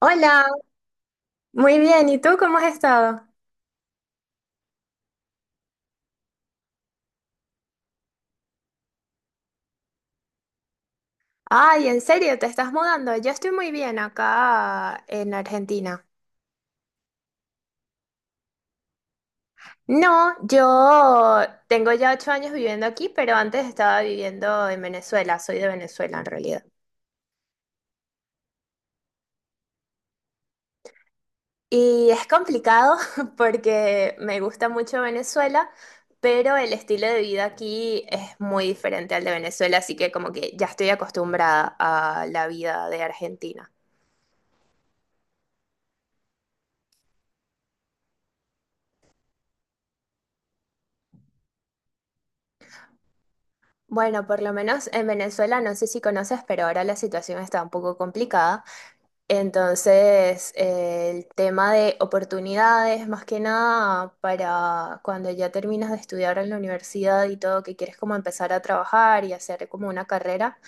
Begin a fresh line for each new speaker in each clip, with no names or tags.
Hola, muy bien. ¿Y tú cómo has estado? Ay, ¿en serio te estás mudando? Yo estoy muy bien acá en Argentina. No, yo tengo ya 8 años viviendo aquí, pero antes estaba viviendo en Venezuela. Soy de Venezuela en realidad. Y es complicado porque me gusta mucho Venezuela, pero el estilo de vida aquí es muy diferente al de Venezuela, así que como que ya estoy acostumbrada a la vida de Argentina. Bueno, por lo menos en Venezuela, no sé si conoces, pero ahora la situación está un poco complicada. Entonces, el tema de oportunidades, más que nada, para cuando ya terminas de estudiar en la universidad y todo, que quieres como empezar a trabajar y hacer como una carrera.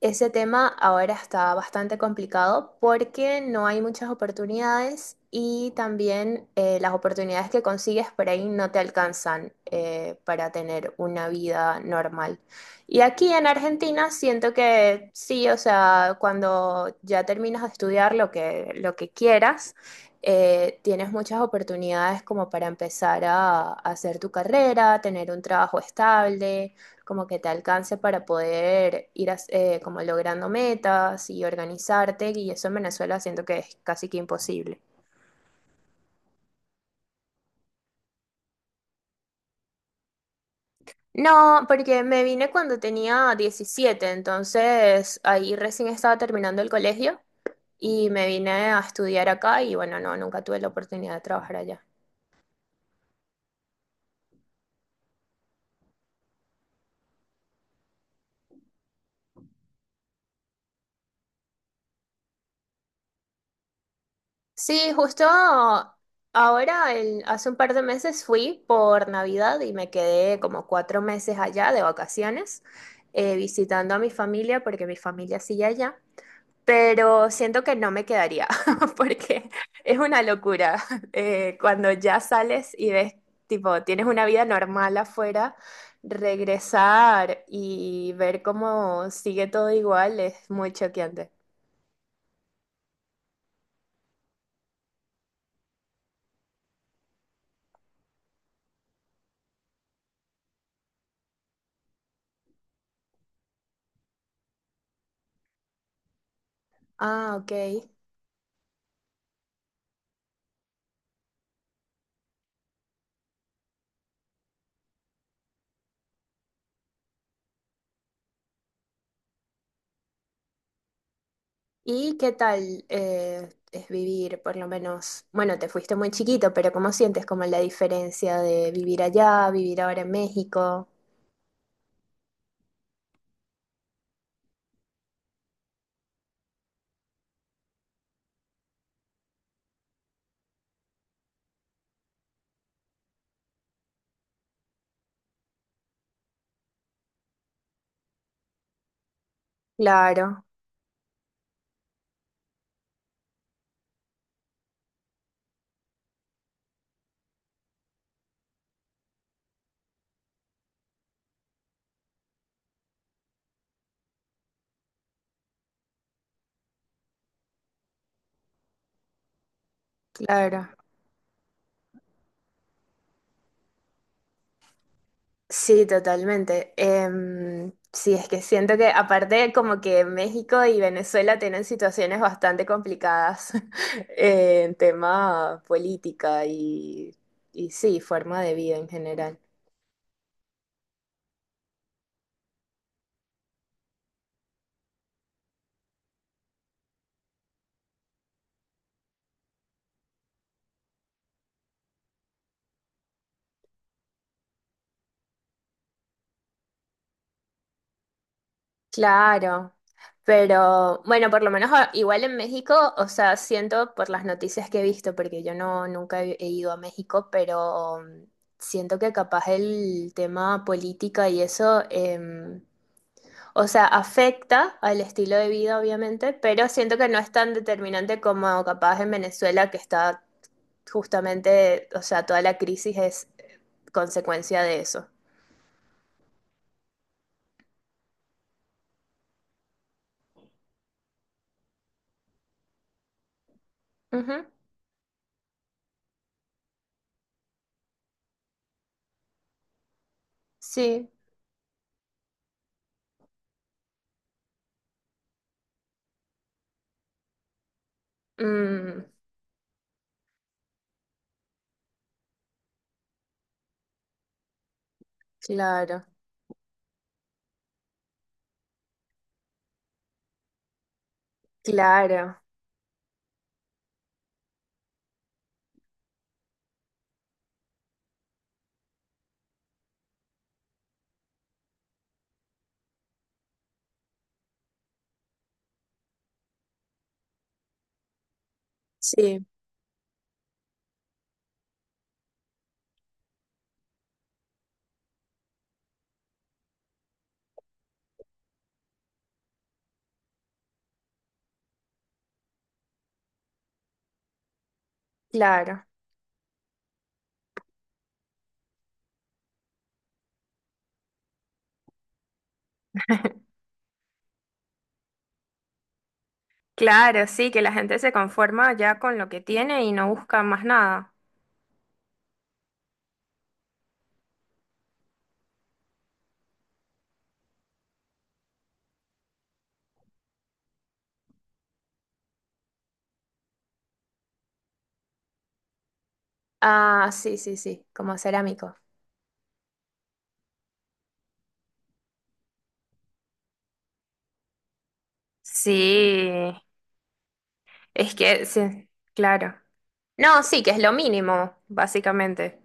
Ese tema ahora está bastante complicado porque no hay muchas oportunidades y también las oportunidades que consigues por ahí no te alcanzan para tener una vida normal. Y aquí en Argentina siento que sí, o sea, cuando ya terminas de estudiar lo que quieras, tienes muchas oportunidades como para empezar a hacer tu carrera, tener un trabajo estable como que te alcance para poder como logrando metas y organizarte, y eso en Venezuela siento que es casi que imposible. No, porque me vine cuando tenía 17, entonces ahí recién estaba terminando el colegio y me vine a estudiar acá y bueno, no, nunca tuve la oportunidad de trabajar allá. Sí, justo ahora, hace un par de meses fui por Navidad y me quedé como 4 meses allá de vacaciones, visitando a mi familia porque mi familia sigue allá, pero siento que no me quedaría porque es una locura. Cuando ya sales y ves, tipo, tienes una vida normal afuera, regresar y ver cómo sigue todo igual es muy choqueante. Ah, ok. ¿Y qué tal es vivir, por lo menos, bueno, te fuiste muy chiquito, pero cómo sientes como la diferencia de vivir allá, vivir ahora en México? Claro, claro. Sí, totalmente. Sí, es que siento que aparte como que México y Venezuela tienen situaciones bastante complicadas en tema política y sí, forma de vida en general. Claro, pero bueno, por lo menos igual en México, o sea, siento por las noticias que he visto, porque yo no nunca he ido a México, pero siento que capaz el tema política y eso, em, o sea, afecta al estilo de vida, obviamente, pero siento que no es tan determinante como capaz en Venezuela, que está justamente, o sea, toda la crisis es consecuencia de eso. Ujú. Sí. Mm, claro, claro. Sí, claro. Claro, sí, que la gente se conforma ya con lo que tiene y no busca más nada. Ah, sí, sí, sí, como cerámico. Sí, es que, sí, claro. No, sí, que es lo mínimo, básicamente.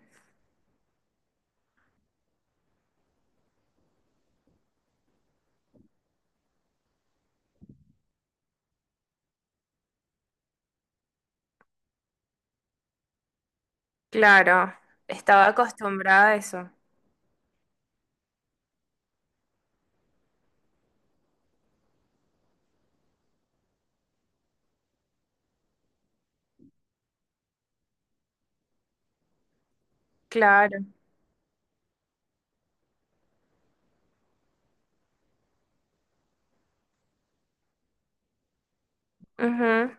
Claro, estaba acostumbrada a eso. Claro. Ujú.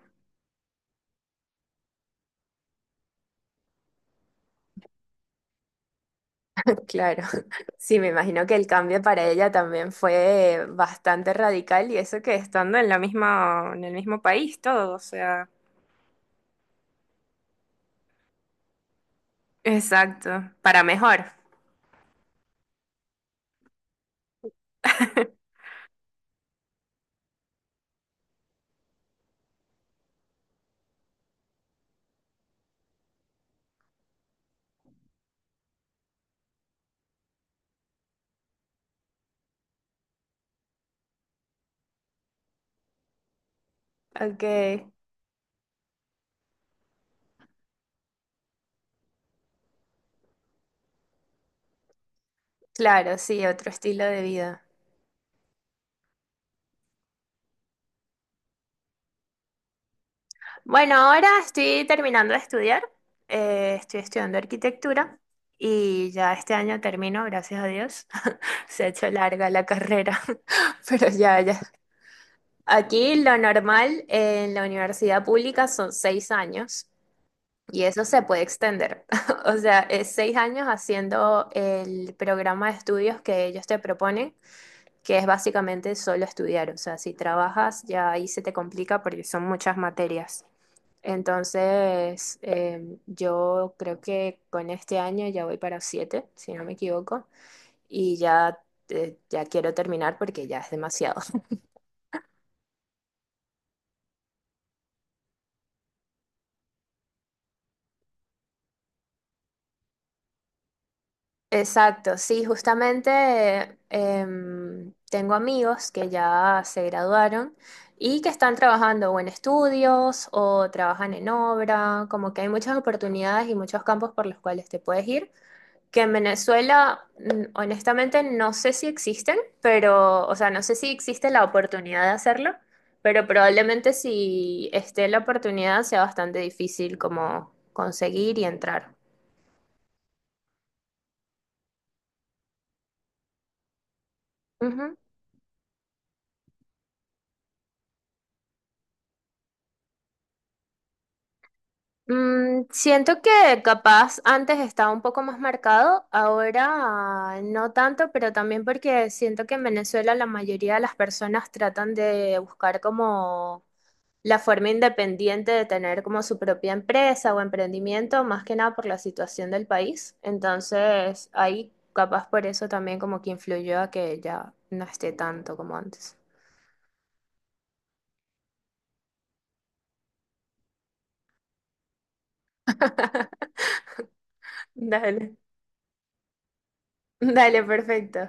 Claro, sí, me imagino que el cambio para ella también fue bastante radical y eso que estando en la misma, en el mismo país, todo, o sea. Exacto, para mejor. Ok, claro, sí, otro estilo de vida. Bueno, ahora estoy terminando de estudiar, estoy estudiando arquitectura y ya este año termino, gracias a Dios. Se ha hecho larga la carrera, pero ya, ya. Aquí lo normal en la universidad pública son 6 años y eso se puede extender. O sea, es 6 años haciendo el programa de estudios que ellos te proponen, que es básicamente solo estudiar. O sea, si trabajas ya ahí se te complica porque son muchas materias. Entonces, yo creo que con este año ya voy para 7, si no me equivoco, y ya, ya quiero terminar porque ya es demasiado. Exacto, sí, justamente tengo amigos que ya se graduaron y que están trabajando o en estudios o trabajan en obra, como que hay muchas oportunidades y muchos campos por los cuales te puedes ir, que en Venezuela, mm, honestamente, no sé si existen, pero, o sea, no sé si existe la oportunidad de hacerlo, pero probablemente si esté la oportunidad sea bastante difícil como conseguir y entrar. Ujú. Mm, siento que capaz antes estaba un poco más marcado, ahora no tanto, pero también porque siento que en Venezuela la mayoría de las personas tratan de buscar como la forma independiente de tener como su propia empresa o emprendimiento, más que nada por la situación del país. Entonces, ahí capaz por eso también como que influyó a que ya no esté tanto como antes. Dale. Dale, perfecto.